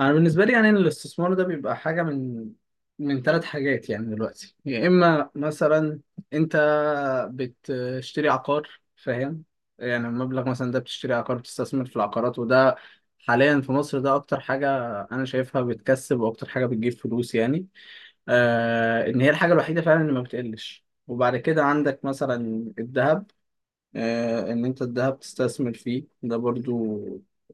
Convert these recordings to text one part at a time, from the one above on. انا بالنسبه لي يعني إن الاستثمار ده بيبقى حاجه من 3 حاجات. يعني دلوقتي يا اما مثلا انت بتشتري عقار. فاهم؟ يعني المبلغ مثلا ده بتشتري عقار، بتستثمر في العقارات، وده حاليا في مصر ده اكتر حاجه انا شايفها بتكسب واكتر حاجه بتجيب فلوس يعني. ان هي الحاجه الوحيده فعلا اللي ما بتقلش. وبعد كده عندك مثلا الذهب. ان انت الذهب تستثمر فيه ده برضو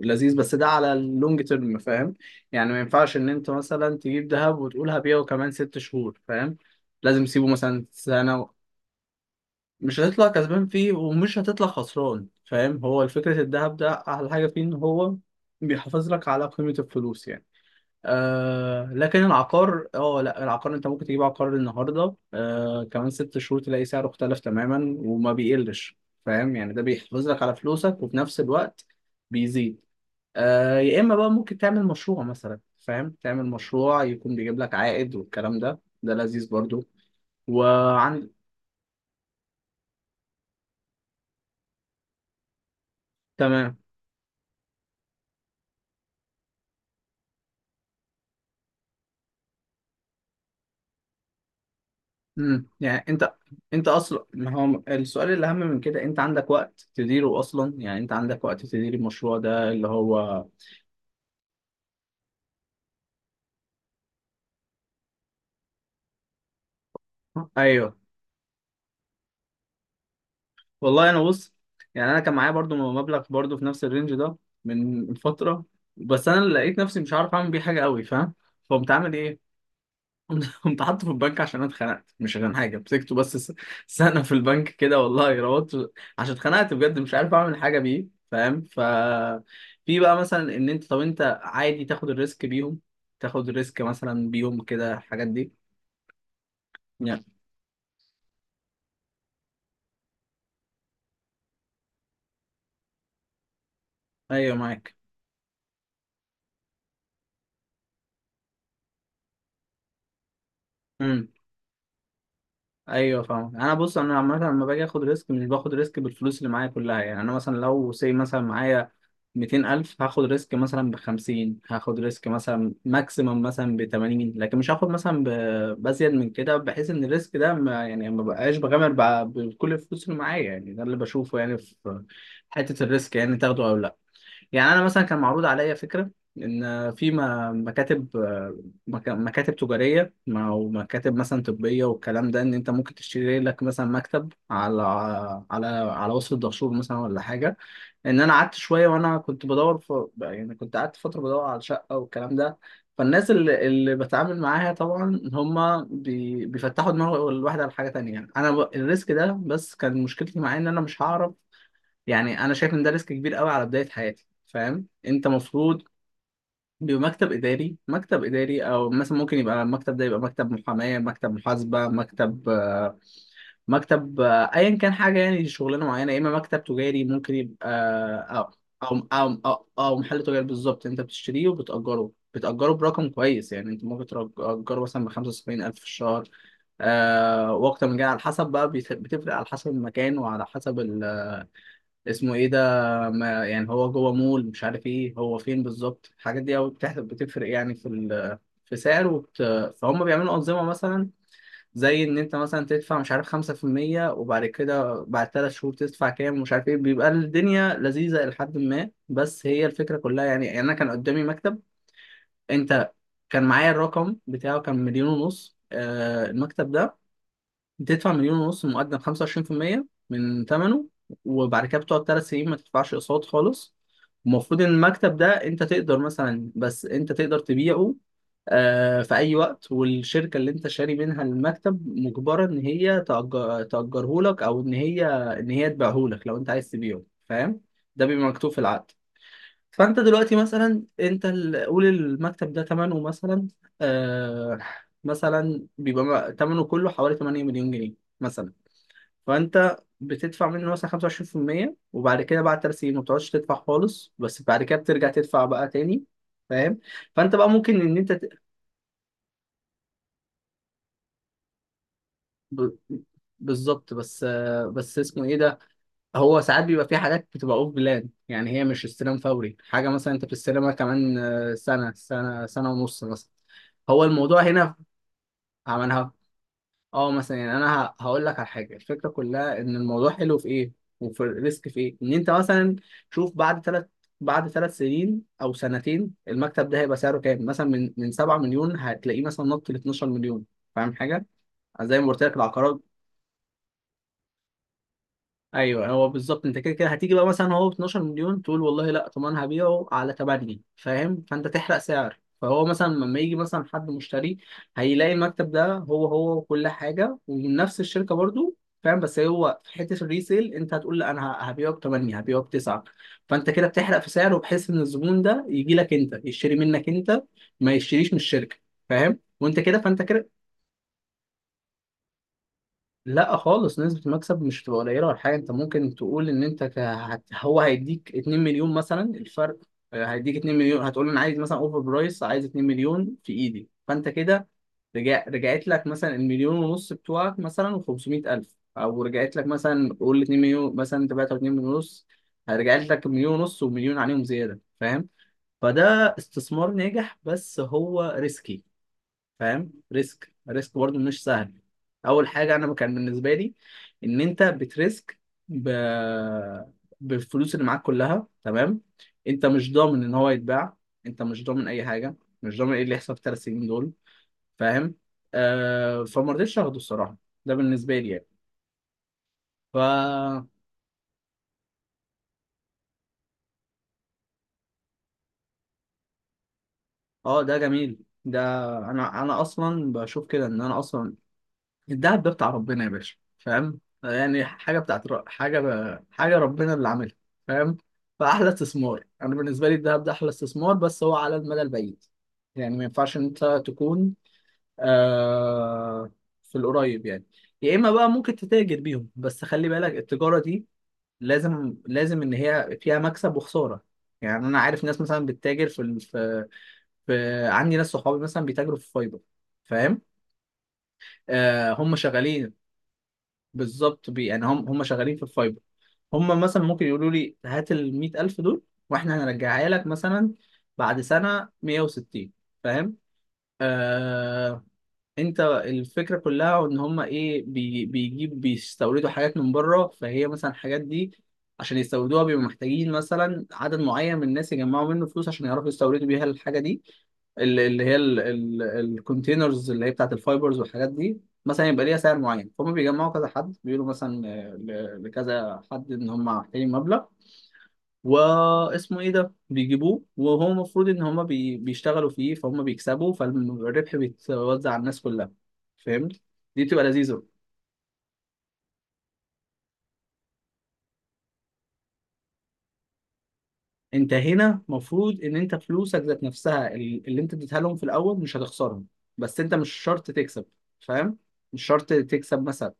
لذيذ، بس ده على اللونج تيرم. فاهم؟ يعني ما ينفعش ان انت مثلا تجيب ذهب وتقول هبيعه كمان 6 شهور. فاهم؟ لازم تسيبه مثلا سنة. مش هتطلع كسبان فيه ومش هتطلع خسران. فاهم؟ هو الفكرة الذهب ده احلى حاجة فيه ان هو بيحافظ لك على قيمة الفلوس يعني. لكن العقار اه لا، العقار انت ممكن تجيب عقار النهارده، كمان 6 شهور تلاقي سعره اختلف تماما وما بيقلش. فاهم؟ يعني ده بيحافظ لك على فلوسك وفي نفس الوقت بيزيد. يا اما بقى ممكن تعمل مشروع مثلا. فاهم؟ تعمل مشروع يكون بيجيب لك عائد والكلام ده ده لذيذ برضو. وعن تمام. يعني انت، اصلا ما هو السؤال الاهم من كده، انت عندك وقت تديره اصلا؟ يعني انت عندك وقت تدير المشروع ده اللي هو، ايوه. والله انا بص، يعني انا كان معايا برضو مبلغ برضو في نفس الرينج ده من فتره. بس انا لقيت نفسي مش عارف اعمل بيه حاجه قوي. فاهم؟ فقمت عامل ايه؟ قمت حاطه في البنك عشان انا اتخنقت، مش عشان حاجه مسكته. بس سنه في البنك كده والله، روضت عشان اتخنقت بجد مش عارف اعمل حاجه بيه. فاهم؟ في بقى مثلا ان انت، طب انت عادي تاخد الريسك بيهم؟ تاخد الريسك مثلا بيهم كده الحاجات دي؟ يعني ايوه معاك. إمم. ايوه فاهم. انا بص، انا عامه لما باجي اخد ريسك، مش باخد ريسك بالفلوس اللي معايا كلها. يعني انا مثلا لو سي مثلا معايا 200,000، هاخد ريسك مثلا ب 50، هاخد ريسك مثلا ماكسيمم مثلا ب 80. لكن مش هاخد مثلا بزيد من كده، بحيث ان الريسك ده ما يعني ما بقاش بغامر بكل الفلوس اللي معايا. يعني ده اللي بشوفه يعني في حته الريسك، يعني تاخده او لا. يعني انا مثلا كان معروض عليا فكره ان في مكاتب، مكاتب تجاريه او مكاتب مثلا طبيه والكلام ده، ان انت ممكن تشتري لك مثلا مكتب على على وصف الدهشور مثلا ولا حاجه. ان انا قعدت شويه وانا كنت بدور في، يعني كنت قعدت فتره بدور على شقه والكلام ده. فالناس اللي بتعامل معاها طبعا هم بيفتحوا دماغ الواحد على حاجه تانية. انا الريسك ده بس كان مشكلتي معاه ان انا مش هعرف. يعني انا شايف ان ده ريسك كبير قوي على بدايه حياتي. فاهم؟ انت مفروض بمكتب اداري، مكتب اداري، او مثلا ممكن يبقى المكتب ده يبقى مكتب محاماه، مكتب محاسبه، مكتب، مكتب، ايا كان حاجه يعني شغلانه معينه، يا اما مكتب تجاري ممكن يبقى، او أو محل تجاري. بالظبط انت بتشتريه وبتاجره، بتاجره برقم كويس. يعني انت ممكن تاجره مثلا ب 75,000 في الشهر. واكتر من كده على حسب بقى بتفرق على حسب المكان وعلى حسب ال، اسمه ايه ده، ما يعني هو جوه مول مش عارف ايه، هو فين بالظبط. الحاجات دي قوي بتحسب، بتفرق يعني في ال، في سعر فهم بيعملوا أنظمة مثلا، زي إن أنت مثلا تدفع، مش عارف، خمسة في المية وبعد كده بعد 3 شهور تدفع كام ومش عارف إيه. بيبقى الدنيا لذيذة لحد ما، بس هي الفكرة كلها يعني. أنا كان قدامي مكتب. أنت كان معايا الرقم بتاعه، كان مليون ونص. المكتب ده بتدفع مليون ونص مقدم 25% من ثمنه، وبعد كده بتقعد 3 سنين ما تدفعش اقساط خالص. المفروض ان المكتب ده انت تقدر مثلا، بس انت تقدر تبيعه في اي وقت، والشركه اللي انت شاري منها المكتب مجبره ان هي تأجر، تأجره لك، او ان هي تبيعه لك لو انت عايز تبيعه. فاهم؟ ده بيبقى مكتوب في العقد. فانت دلوقتي مثلا انت قول المكتب ده ثمنه مثلا، آه مثلا بيبقى ثمنه كله حوالي 8 مليون جنيه مثلا. فانت بتدفع منه مثلا 25%، وبعد كده بعد 3 سنين ما بتقعدش تدفع خالص، بس بعد كده بترجع تدفع بقى تاني. فاهم؟ فانت بقى ممكن ان انت ب- بالظبط. بس بس اسمه ايه، هو ساعات بيبقى في حاجات بتبقى اوف بلان. يعني هي مش استلام فوري، حاجه مثلا انت بتستلمها كمان سنه، سنه ونص مثلا. هو الموضوع هنا عملها. اه مثلا يعني انا هقول لك على حاجه، الفكره كلها ان الموضوع حلو في ايه وفي الريسك في ايه. ان انت مثلا شوف بعد ثلاث، بعد ثلاث سنين او سنتين المكتب ده هيبقى سعره كام؟ مثلا من 7 مليون هتلاقيه مثلا نط ل 12 مليون. فاهم؟ حاجه زي ما قلت لك العقارات. ايوه هو بالظبط. انت كده كده هتيجي بقى مثلا هو ب 12 مليون تقول والله لا، طب انا هبيعه على 8. فاهم؟ فانت تحرق سعر، فهو مثلا لما يجي مثلا حد مشتري، هيلاقي المكتب ده هو هو وكل حاجه ومن نفس الشركه برضو. فاهم؟ بس هو في حته الريسيل، انت هتقول لا، انا هبيعه ب 8، هبيعه ب 9. فانت كده بتحرق في سعره، بحيث ان الزبون ده يجي لك انت يشتري منك انت، ما يشتريش من الشركه. فاهم؟ وانت كده فانت كده، لا خالص، نسبة المكسب مش هتبقى قليلة ولا حاجة. انت ممكن تقول ان انت هو هيديك 2 مليون مثلا الفرق. هيديك 2 مليون. هتقول انا عايز مثلا اوفر برايس، عايز 2 مليون في ايدي. فانت كده رجعت لك مثلا المليون ونص بتوعك مثلا و500 الف، او رجعت لك مثلا قول 2 مليون، مثلا انت بعت 2 مليون ونص، رجعت لك مليون ونص ومليون عليهم زيادة. فاهم؟ فده استثمار ناجح بس هو ريسكي. فاهم؟ ريسك برضو مش سهل. اول حاجه انا كان بالنسبه لي ان انت بتريسك ب... بالفلوس اللي معاك كلها، تمام. انت مش ضامن ان هو يتباع، انت مش ضامن اي حاجه، مش ضامن ايه اللي يحصل في الـ3 سنين دول. فاهم؟ فما رضيتش اخده الصراحه. ده بالنسبه لي يعني. ف اه ده جميل. ده انا انا اصلا بشوف كده، ان انا اصلا الدهب ده بتاع ربنا يا باشا. فاهم؟ يعني حاجه بتاعت حاجه حاجه ربنا اللي عاملها. فاهم؟ فاحلى استثمار انا بالنسبه لي الدهب ده احلى استثمار، بس هو على المدى البعيد. يعني ما ينفعش ان انت تكون، آه... في القريب يعني. يا اما بقى ممكن تتاجر بيهم، بس خلي بالك التجاره دي لازم، ان هي فيها مكسب وخساره. يعني انا عارف ناس مثلا بتتاجر في، في عندي ناس صحابي مثلا بيتاجروا في فايبر. فاهم؟ آه هم شغالين. بالظبط، يعني هم شغالين في الفايبر. هم مثلا ممكن يقولوا لي هات ال 100,000 دول، واحنا هنرجعها لك مثلا بعد سنه 160. فاهم؟ آه، انت الفكره كلها ان هم ايه، بيستوردوا حاجات من بره. فهي مثلا الحاجات دي، عشان يستوردوها بيبقوا محتاجين مثلا عدد معين من الناس يجمعوا منه فلوس عشان يعرفوا يستوردوا بيها الحاجه دي. اللي هي الكونتينرز اللي هي بتاعت الفايبرز والحاجات دي، مثلا يبقى ليها سعر معين. فهم بيجمعوا كذا حد، بيقولوا مثلا لكذا حد ان هم محتاجين مبلغ واسمه ايه ده، بيجيبوه وهو المفروض ان هما بيشتغلوا فيه. فهم بيكسبوا، فالربح بيتوزع على الناس كلها. فهمت؟ دي بتبقى لذيذة. انت هنا المفروض ان انت فلوسك ذات نفسها اللي انت اديتها لهم في الاول مش هتخسرهم، بس انت مش شرط تكسب. فاهم؟ مش شرط تكسب مثلا.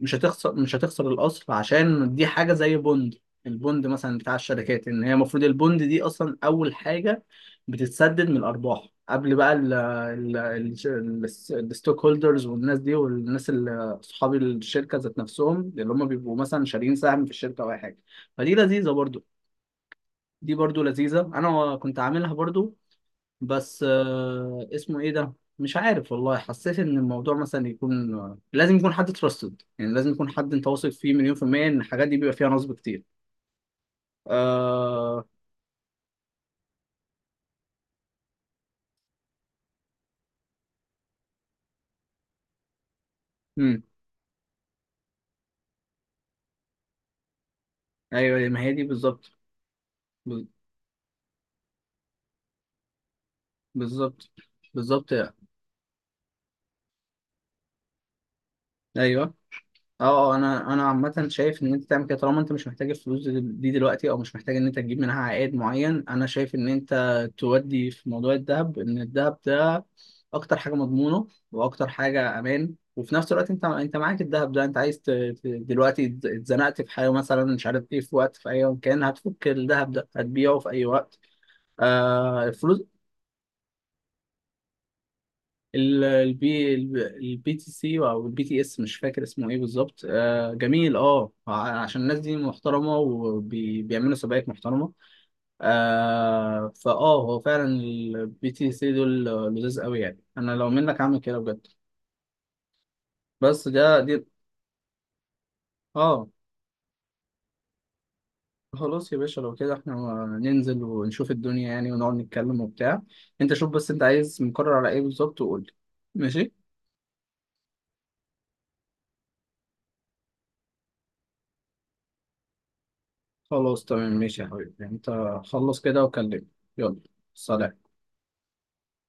مش هتخسر، مش هتخسر الاصل، عشان دي حاجه زي بوند. البوند مثلا بتاع الشركات، ان هي المفروض البوند دي اصلا اول حاجه بتتسدد من الارباح قبل بقى ال الستوك هولدرز والناس دي، والناس اللي اصحاب الشركه ذات نفسهم، اللي هم بيبقوا مثلا شاريين سهم في الشركه او اي حاجه. فدي لذيذه برضو، دي برضو لذيذه. انا كنت عاملها برضو. بس اسمه ايه ده، مش عارف والله. حسيت ان الموضوع مثلا يكون لازم يكون حد تراستد، يعني لازم يكون حد انت واثق فيه مليون في المية، ان الحاجات دي بيبقى فيها نصب كتير. آه... مم. ايوه، ما هي دي بالظبط. بال- بالظبط، بالظبط يعني. ايوه اه. انا انا عامه شايف ان انت تعمل كده، طالما انت مش محتاج الفلوس دي دلوقتي او مش محتاج ان انت تجيب منها عائد معين، انا شايف ان انت تودي في موضوع الذهب، ان الذهب ده اكتر حاجه مضمونه واكتر حاجه امان، وفي نفس الوقت انت، معاك الذهب ده انت عايز دلوقتي اتزنقت في حاجه مثلا مش عارف ايه، في وقت في اي مكان هتفك الذهب ده هتبيعه في اي وقت. الفلوس. ال- البي البي تي سي او البي تي اس مش فاكر اسمه ايه بالظبط. جميل اه. عشان الناس دي محترمه وبيعملوا سبائك محترمه. آه فاه هو فعلا البي تي سي دول لذيذ قوي. يعني انا لو منك اعمل كده بجد. بس ده اه خلاص يا باشا. لو كده احنا ننزل ونشوف الدنيا يعني، ونقعد نتكلم وبتاع. انت شوف بس انت عايز مقرر على ايه بالظبط وقول لي. ماشي. خلاص تمام ماشي يا حبيبي انت، خلص كده وكلمني. يلا. سلام.